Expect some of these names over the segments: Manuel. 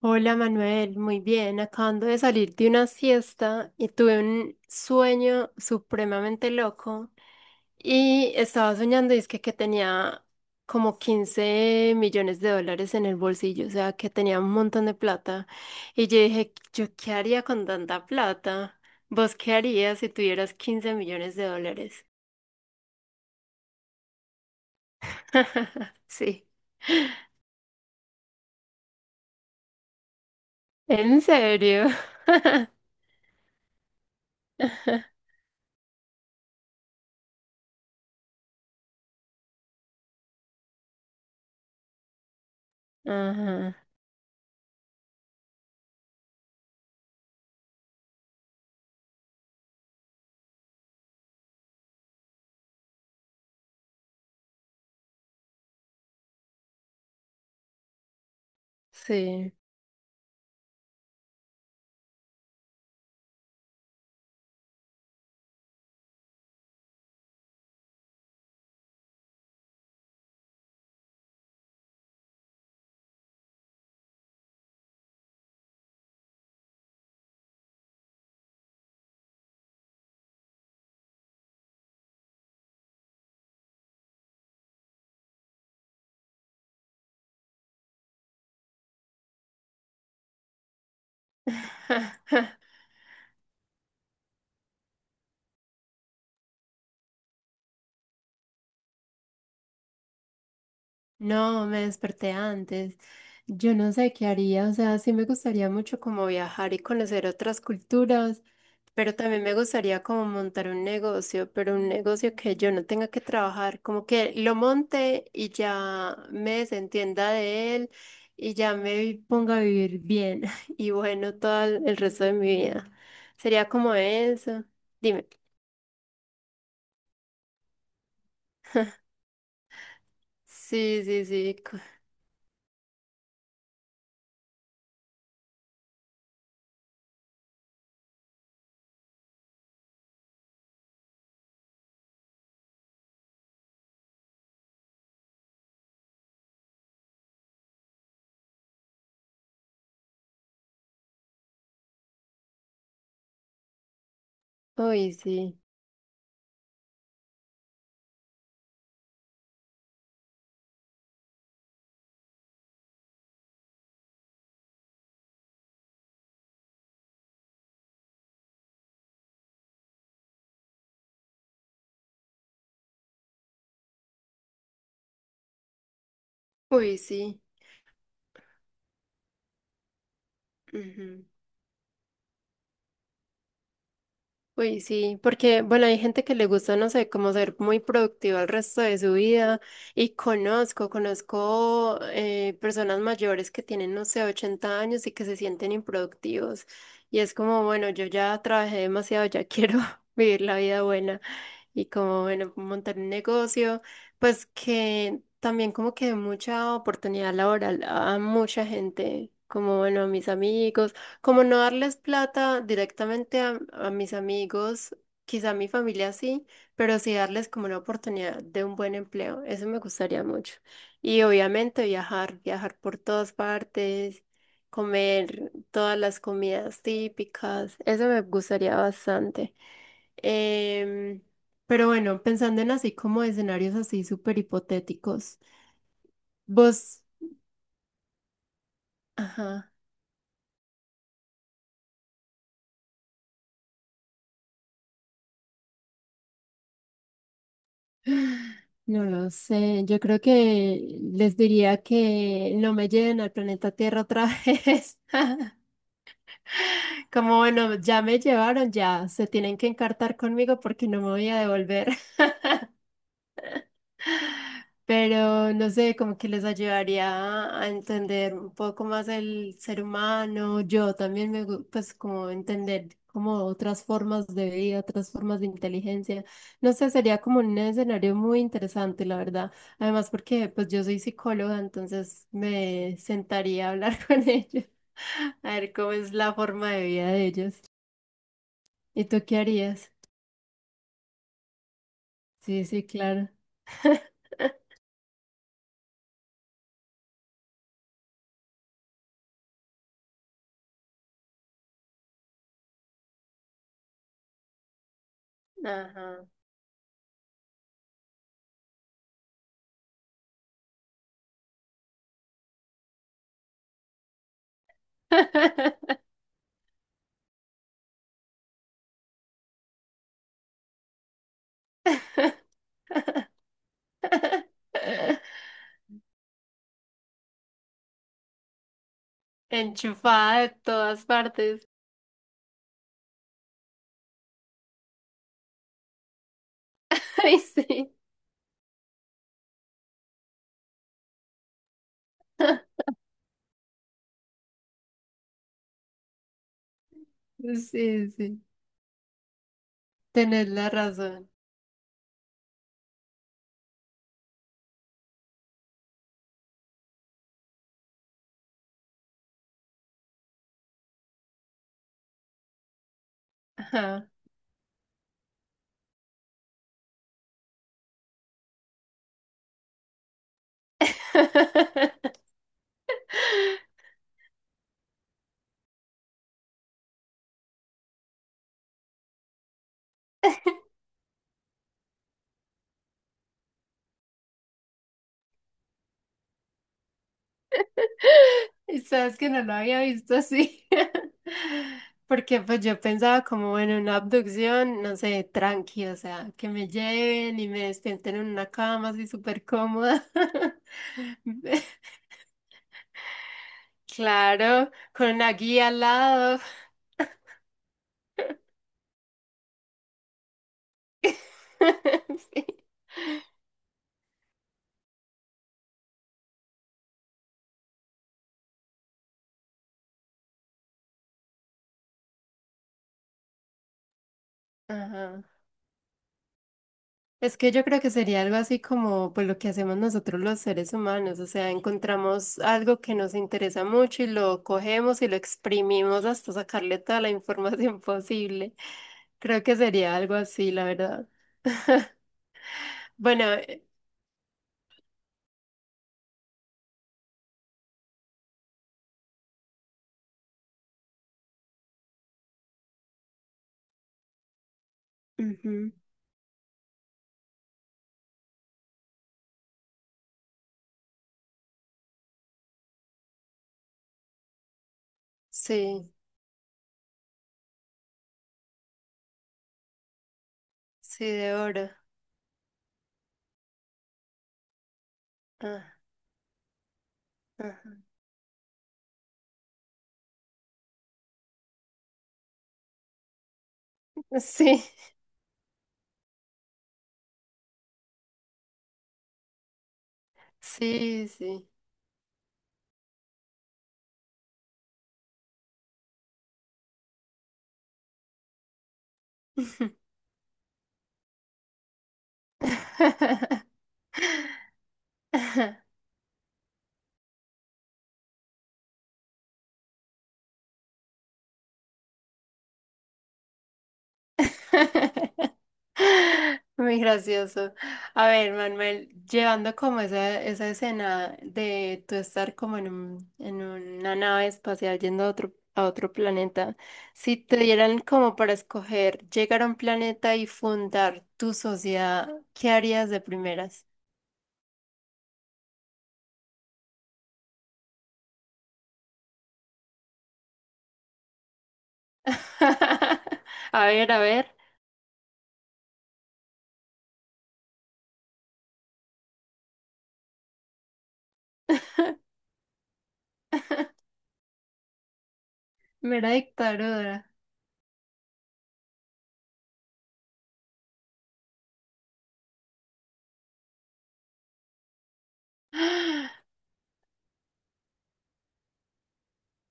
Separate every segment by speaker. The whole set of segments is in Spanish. Speaker 1: Hola Manuel, muy bien. Acabando de salir de una siesta y tuve un sueño supremamente loco y estaba soñando y es que tenía como 15 millones de dólares en el bolsillo, o sea que tenía un montón de plata y yo dije, ¿yo qué haría con tanta plata? ¿Vos qué harías si tuvieras 15 millones de dólares? Sí, en serio. Ajá, sí. No, me desperté antes. Yo no sé qué haría, o sea, sí me gustaría mucho como viajar y conocer otras culturas, pero también me gustaría como montar un negocio, pero un negocio que yo no tenga que trabajar, como que lo monte y ya me desentienda de él y ya me ponga a vivir bien y bueno, todo el resto de mi vida. Sería como eso. Dime. Sí, sí, sí. Uy, sí. Uy, sí. Ujú. Uy, sí, porque bueno, hay gente que le gusta, no sé, como ser muy productiva el resto de su vida y conozco personas mayores que tienen, no sé, 80 años y que se sienten improductivos y es como, bueno, yo ya trabajé demasiado, ya quiero vivir la vida buena y como, bueno, montar un negocio, pues que también como que mucha oportunidad laboral a mucha gente, como, bueno, a mis amigos, como no darles plata directamente a mis amigos, quizá a mi familia sí, pero sí darles como una oportunidad de un buen empleo, eso me gustaría mucho. Y obviamente viajar, viajar por todas partes. Comer todas las comidas típicas, eso me gustaría bastante. Em, pero bueno, pensando en así como escenarios así súper hipotéticos, vos, ajá, no lo sé, yo creo que les diría que no me lleven al planeta Tierra otra vez. Como bueno, ya me llevaron, ya se tienen que encartar conmigo porque no me voy a devolver. Pero no sé, como que les ayudaría a entender un poco más el ser humano. Yo también me, pues como entender como otras formas de vida, otras formas de inteligencia. No sé, sería como un escenario muy interesante, la verdad. Además, porque pues yo soy psicóloga, entonces me sentaría a hablar con ellos, a ver cómo es la forma de vida de ellos. ¿Y tú qué harías? Sí, sí, claro. Ajá. Enchufada de todas partes. Ay, sí. Sí, sí. Tenés la razón. Ajá. Y sabes que no lo había visto así. Porque pues yo pensaba como, bueno, una abducción, no sé, tranqui, o sea, que me lleven y me despierten en una cama así súper cómoda. Claro, con una guía al lado. Sí. Ajá. Es que yo creo que sería algo así como pues lo que hacemos nosotros los seres humanos, o sea, encontramos algo que nos interesa mucho y lo cogemos y lo exprimimos hasta sacarle toda la información posible. Creo que sería algo así, la verdad. Bueno, ujú, sí, sí, de oro. Ah, ajá. Sí, sí, sí. Muy gracioso. A ver, Manuel, llevando como esa escena de tú estar como en un, en una nave espacial yendo a otro planeta, si te dieran como para escoger llegar a un planeta y fundar tu sociedad, ¿qué harías de primeras? A ver, a ver. Mera dictadura.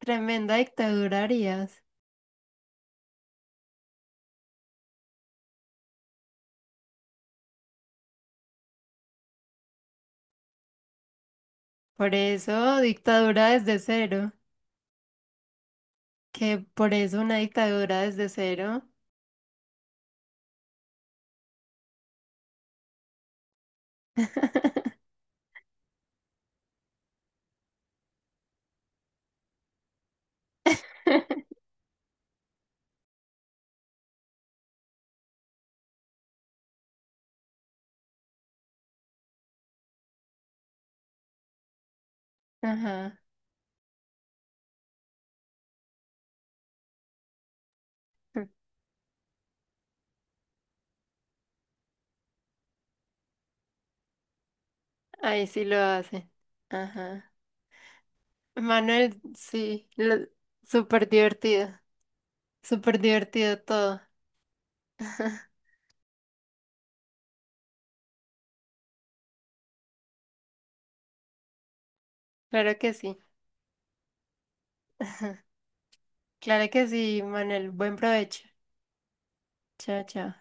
Speaker 1: Tremenda dictadura harías. Por eso, dictadura desde cero. Que por eso una dictadura desde cero. Ajá. Ahí sí lo hacen. Ajá. Manuel, sí, lo- súper divertido. Súper divertido todo. Claro que sí. Claro que sí, Manuel. Buen provecho. Chao, chao.